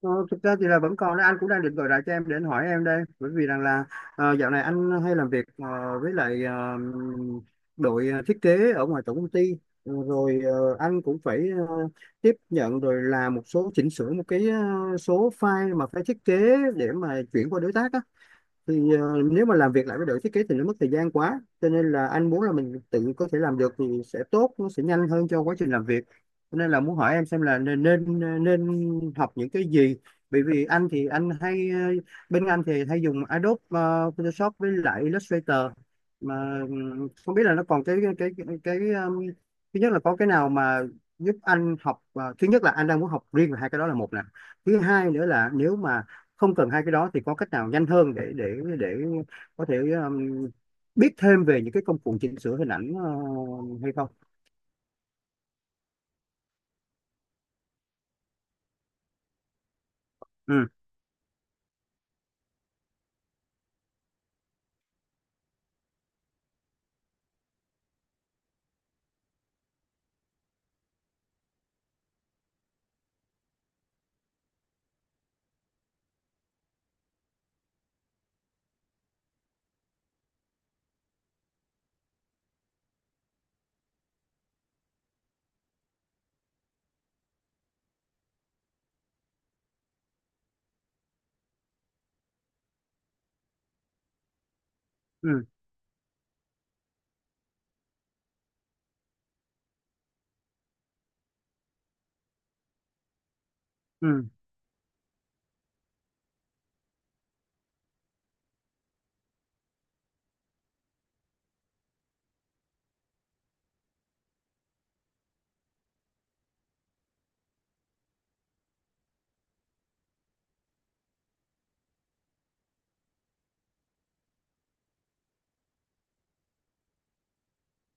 Ờ, Thực ra thì là vẫn còn, đấy anh cũng đang định gọi lại cho em để anh hỏi em đây, bởi vì rằng là dạo này anh hay làm việc với lại đội thiết kế ở ngoài tổng công ty. Anh cũng phải tiếp nhận rồi làm một số chỉnh sửa, một cái số file mà phải thiết kế để mà chuyển qua đối tác á. Thì nếu mà làm việc lại với đội thiết kế thì nó mất thời gian quá, cho nên là anh muốn là mình tự có thể làm được thì sẽ tốt, nó sẽ nhanh hơn cho quá trình làm việc. Cho nên là muốn hỏi em xem là nên nên, ờ, nên học những cái gì. Bởi vì anh thì anh hay bên anh thì hay dùng Adobe Photoshop với lại Illustrator, mà không biết là nó còn cái thứ nhất là có cái nào mà giúp anh học. Ờ, Thứ nhất là anh đang muốn học riêng về hai cái đó, là một nè. Thứ hai nữa là nếu mà không cần hai cái đó thì có cách nào nhanh hơn để để có thể biết thêm về những cái công cụ chỉnh sửa hình ảnh hay không. Ừ, ừ, ừ,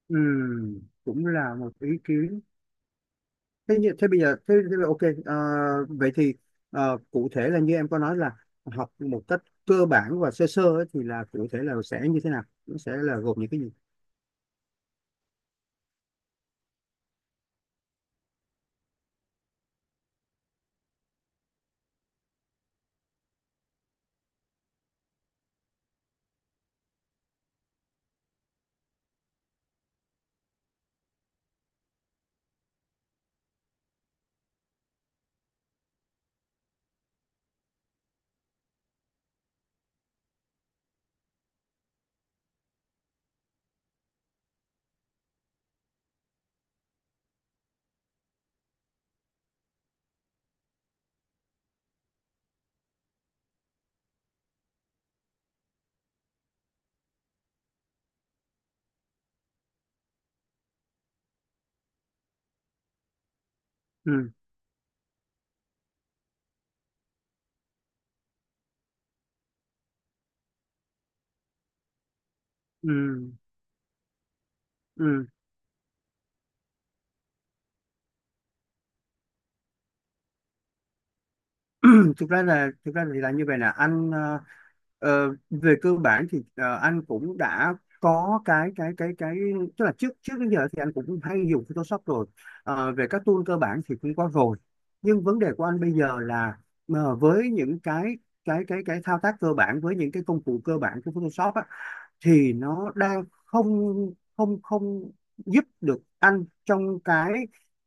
ừ, cũng là một ý kiến. Thế như thế bây giờ thế là ok. Ờ, Vậy thì cụ thể là như em có nói là học một cách cơ bản và sơ sơ ấy, thì là cụ thể là sẽ như thế nào, nó sẽ là gồm những cái gì? Ừ, ừ, ừ. Thực ra thì là như vậy nè anh. Ờ, Về cơ bản thì anh cũng đã có cái tức là trước trước đến giờ thì anh cũng hay dùng Photoshop rồi. Ờ, về các tool cơ bản thì cũng có rồi, nhưng vấn đề của anh bây giờ là với những cái thao tác cơ bản với những cái công cụ cơ bản của Photoshop á, thì nó đang không không không giúp được anh trong cái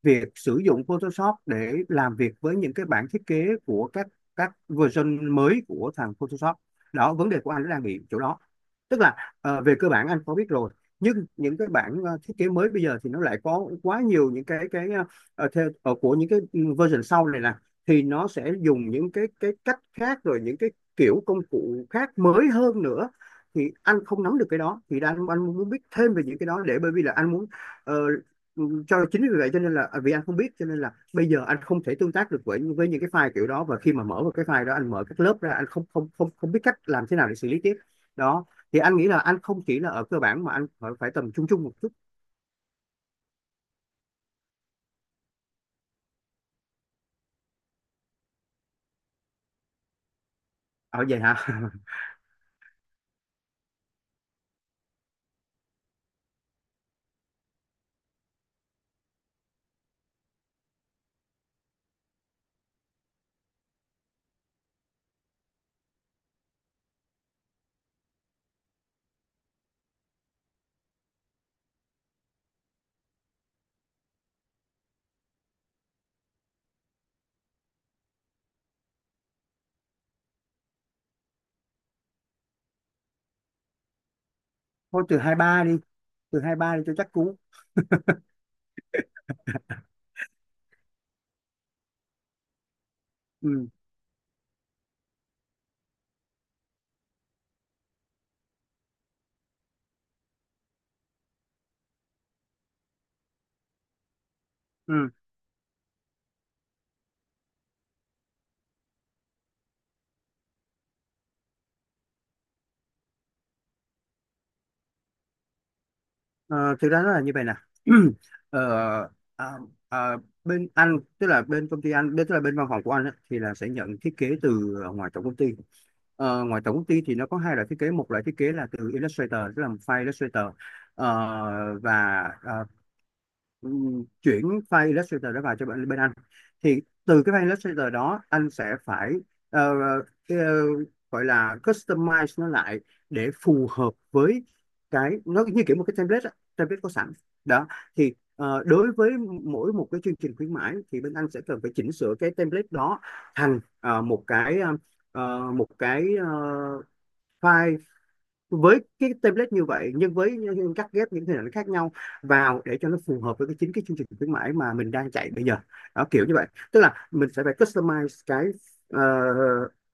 việc sử dụng Photoshop để làm việc với những cái bản thiết kế của các version mới của thằng Photoshop đó. Vấn đề của anh nó đang bị chỗ đó, tức là về cơ bản anh có biết rồi, nhưng những cái bản thiết kế mới bây giờ thì nó lại có quá nhiều những cái của những cái version sau này nè, thì nó sẽ dùng những cái cách khác, rồi những cái kiểu công cụ khác mới hơn nữa. Thì anh không nắm được cái đó, thì anh muốn biết thêm về những cái đó để, bởi vì là anh muốn ờ, cho, chính vì vậy cho nên là à, vì anh không biết, cho nên là bây giờ anh không thể tương tác được với những cái file kiểu đó, và khi mà mở vào cái file đó anh mở các lớp ra anh không không không không biết cách làm thế nào để xử lý tiếp. Đó, thì anh nghĩ là anh không chỉ là ở cơ bản mà anh phải tầm trung trung một chút. Ở vậy hả? Thôi từ 23 đi, từ hai ba đi cho chắc cú. Ừ, ừ. Ờ, thực ra nó là như vậy nè. Ờ, à, à, Bên anh, tức là bên công ty anh, tức là bên văn phòng của anh á, thì là sẽ nhận thiết kế từ ngoài tổng công ty. Ờ, ngoài tổng công ty thì nó có hai loại thiết kế, một loại thiết kế là từ Illustrator, tức là file Illustrator. Ờ, và ờ, chuyển file Illustrator đó vào cho bên anh, thì từ cái file Illustrator đó anh sẽ phải ờ, ờ, gọi là customize nó lại để phù hợp với cái, nó như kiểu một cái template á, template có sẵn. Đó, thì đối với mỗi một cái chương trình khuyến mãi thì bên anh sẽ cần phải chỉnh sửa cái template đó thành một cái file với cái template như vậy nhưng với những cắt ghép những hình ảnh khác nhau vào, để cho nó phù hợp với cái chương trình khuyến mãi mà mình đang chạy bây giờ. Đó, kiểu như vậy. Tức là mình sẽ phải customize cái ờ,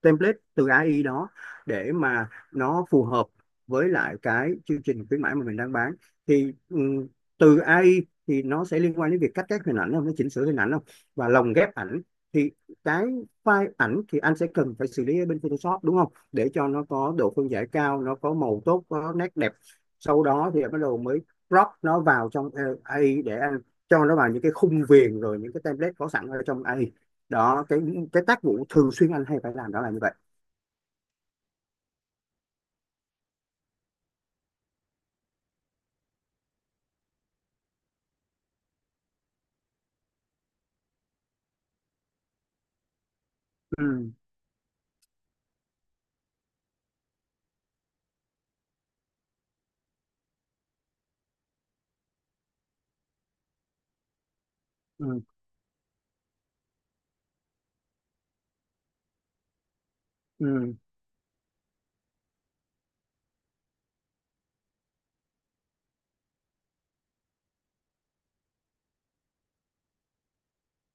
template từ AI đó để mà nó phù hợp với lại cái chương trình khuyến mãi mà mình đang bán. Thì từ AI thì nó sẽ liên quan đến việc cắt ghép hình ảnh không, nó chỉnh sửa hình ảnh không, và lồng ghép ảnh. Thì cái file ảnh thì anh sẽ cần phải xử lý ở bên Photoshop, đúng không, để cho nó có độ phân giải cao, nó có màu tốt, có nét đẹp, sau đó thì bắt đầu mới crop nó vào trong AI, để anh cho nó vào những cái khung viền rồi những cái template có sẵn ở trong AI. Đó, cái tác vụ thường xuyên anh hay phải làm đó là như vậy. Ừ, ừ, ừ,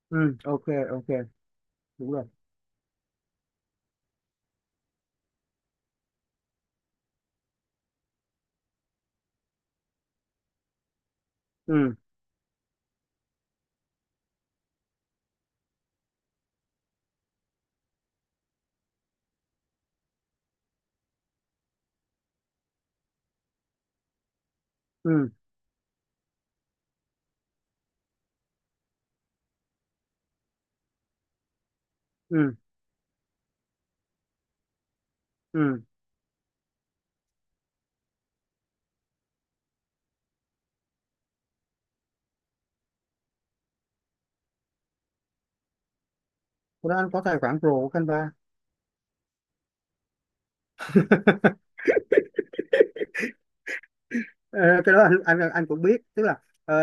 ừ, ok, ok, đúng rồi. Ừ, ừ, ừ, ừ. Thế đó, anh có tài khoản pro của Canva. Ờ, cái đó anh, anh cũng biết, tức là ờ,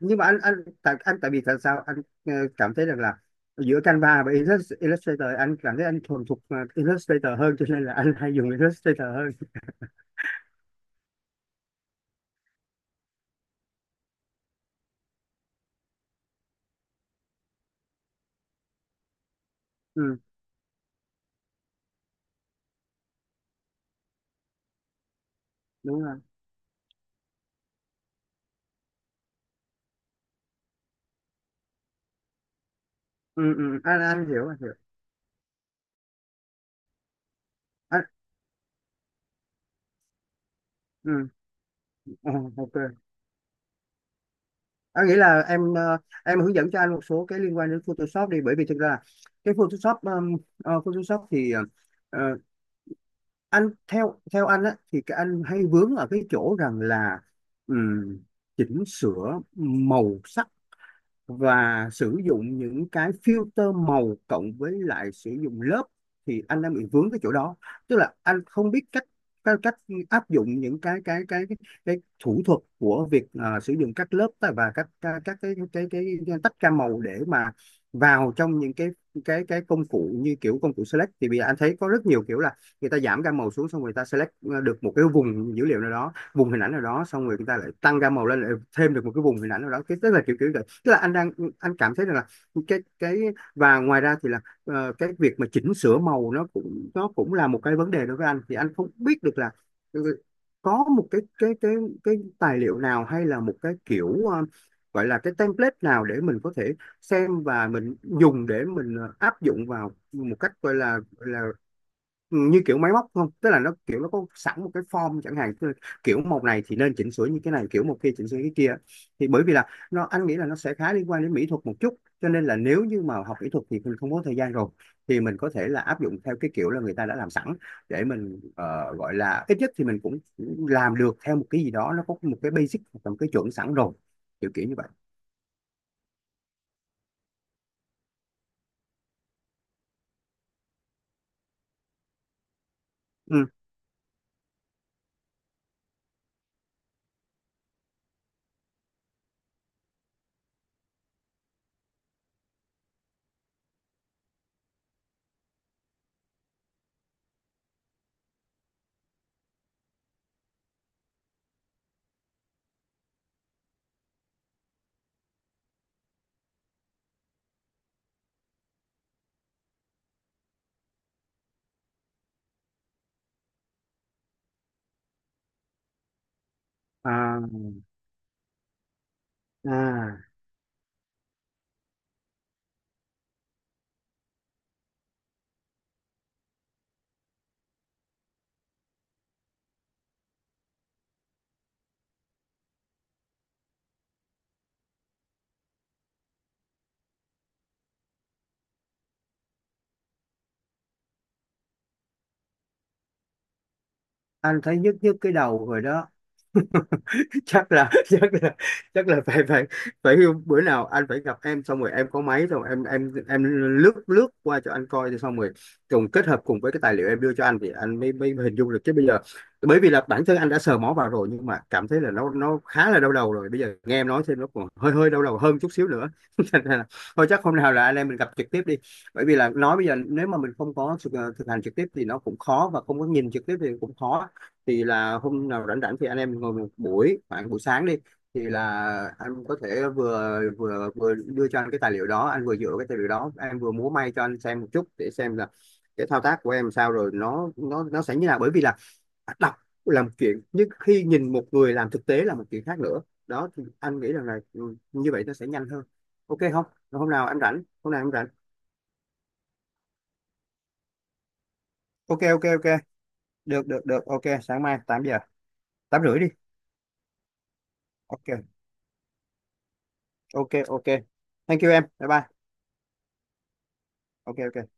nhưng mà anh tại vì tại sao anh cảm thấy rằng là giữa Canva và Illustrator, anh cảm thấy anh thuần thục Illustrator hơn cho nên là anh hay dùng Illustrator hơn. Ừ, đúng rồi. Ừ, anh hiểu, anh hiểu. anh, ừ, ờ, ok, anh nghĩ là em em hướng dẫn cho anh một số cái liên quan đến Photoshop đi, bởi vì thực ra là cái Photoshop, Photoshop thì ờ, anh theo theo anh á thì cái anh hay vướng ở cái chỗ rằng là ừm, chỉnh sửa màu sắc và sử dụng những cái filter màu, cộng với lại sử dụng lớp, thì anh đang bị vướng cái chỗ đó. Tức là anh không biết cách cách, cách áp dụng những cái thủ thuật của việc sử dụng các lớp, và các cái tách ra màu, để mà vào trong những cái công cụ như kiểu công cụ select. Thì bây giờ anh thấy có rất nhiều kiểu là người ta giảm gam màu xuống, xong người ta select được một cái vùng dữ liệu nào đó, vùng hình ảnh nào đó, xong rồi người ta lại tăng gam màu lên, lại thêm được một cái vùng hình ảnh nào đó. Cái tức là kiểu kiểu là, tức là anh đang, anh cảm thấy rằng là cái và ngoài ra thì là cái việc mà chỉnh sửa màu nó cũng, là một cái vấn đề đối với anh. Thì anh không biết được là ừ, có một cái tài liệu nào, hay là một cái kiểu gọi là cái template nào để mình có thể xem và mình dùng để mình áp dụng vào, một cách gọi là như kiểu máy móc không. Tức là nó kiểu nó có sẵn một cái form chẳng hạn, tức là kiểu một này thì nên chỉnh sửa như cái này, kiểu một kia chỉnh sửa cái kia. Thì bởi vì là anh nghĩ là nó sẽ khá liên quan đến mỹ thuật một chút, cho nên là nếu như mà học kỹ thuật thì mình không có thời gian rồi, thì mình có thể là áp dụng theo cái kiểu là người ta đã làm sẵn, để mình gọi là ít nhất thì mình cũng làm được theo một cái gì đó, nó có một cái basic hoặc là một cái chuẩn sẵn rồi, kiểu kiểu như vậy. Ừ. à, à, anh thấy nhức nhức cái đầu rồi đó. chắc là chắc là chắc là phải, phải bữa nào anh phải gặp em, xong rồi em có máy, xong rồi em lướt lướt qua cho anh coi thì xong rồi, cùng kết hợp cùng với cái tài liệu em đưa cho anh thì anh mới mới hình dung được, chứ bây giờ bởi vì là bản thân anh đã sờ mó vào rồi nhưng mà cảm thấy là nó khá là đau đầu rồi, bây giờ nghe em nói thêm nó còn hơi hơi đau đầu hơn chút xíu nữa. Thành ra là, thôi chắc hôm nào là anh em mình gặp trực tiếp đi, bởi vì là nói bây giờ nếu mà mình không có thực hành trực tiếp thì nó cũng khó, và không có nhìn trực tiếp thì cũng khó. Thì là hôm nào rảnh rảnh thì anh em ngồi một buổi, khoảng buổi sáng đi. Thì là anh có thể vừa vừa vừa đưa cho anh cái tài liệu đó, anh vừa dựa cái tài liệu đó em vừa múa may cho anh xem một chút, để xem là cái thao tác của em sao, rồi nó sẽ như nào. Bởi vì là đọc là một chuyện, nhưng khi nhìn một người làm thực tế là một chuyện khác nữa. Đó thì anh nghĩ rằng là ừ, như vậy nó sẽ nhanh hơn. Ok không? Rồi, hôm nào anh rảnh hôm nào em rảnh. Ok, ok, ok, được, được, được, ok, sáng mai 8 giờ. 8 rưỡi đi. Ok, ok, ok, thank you em, bye bye. Ok, ok.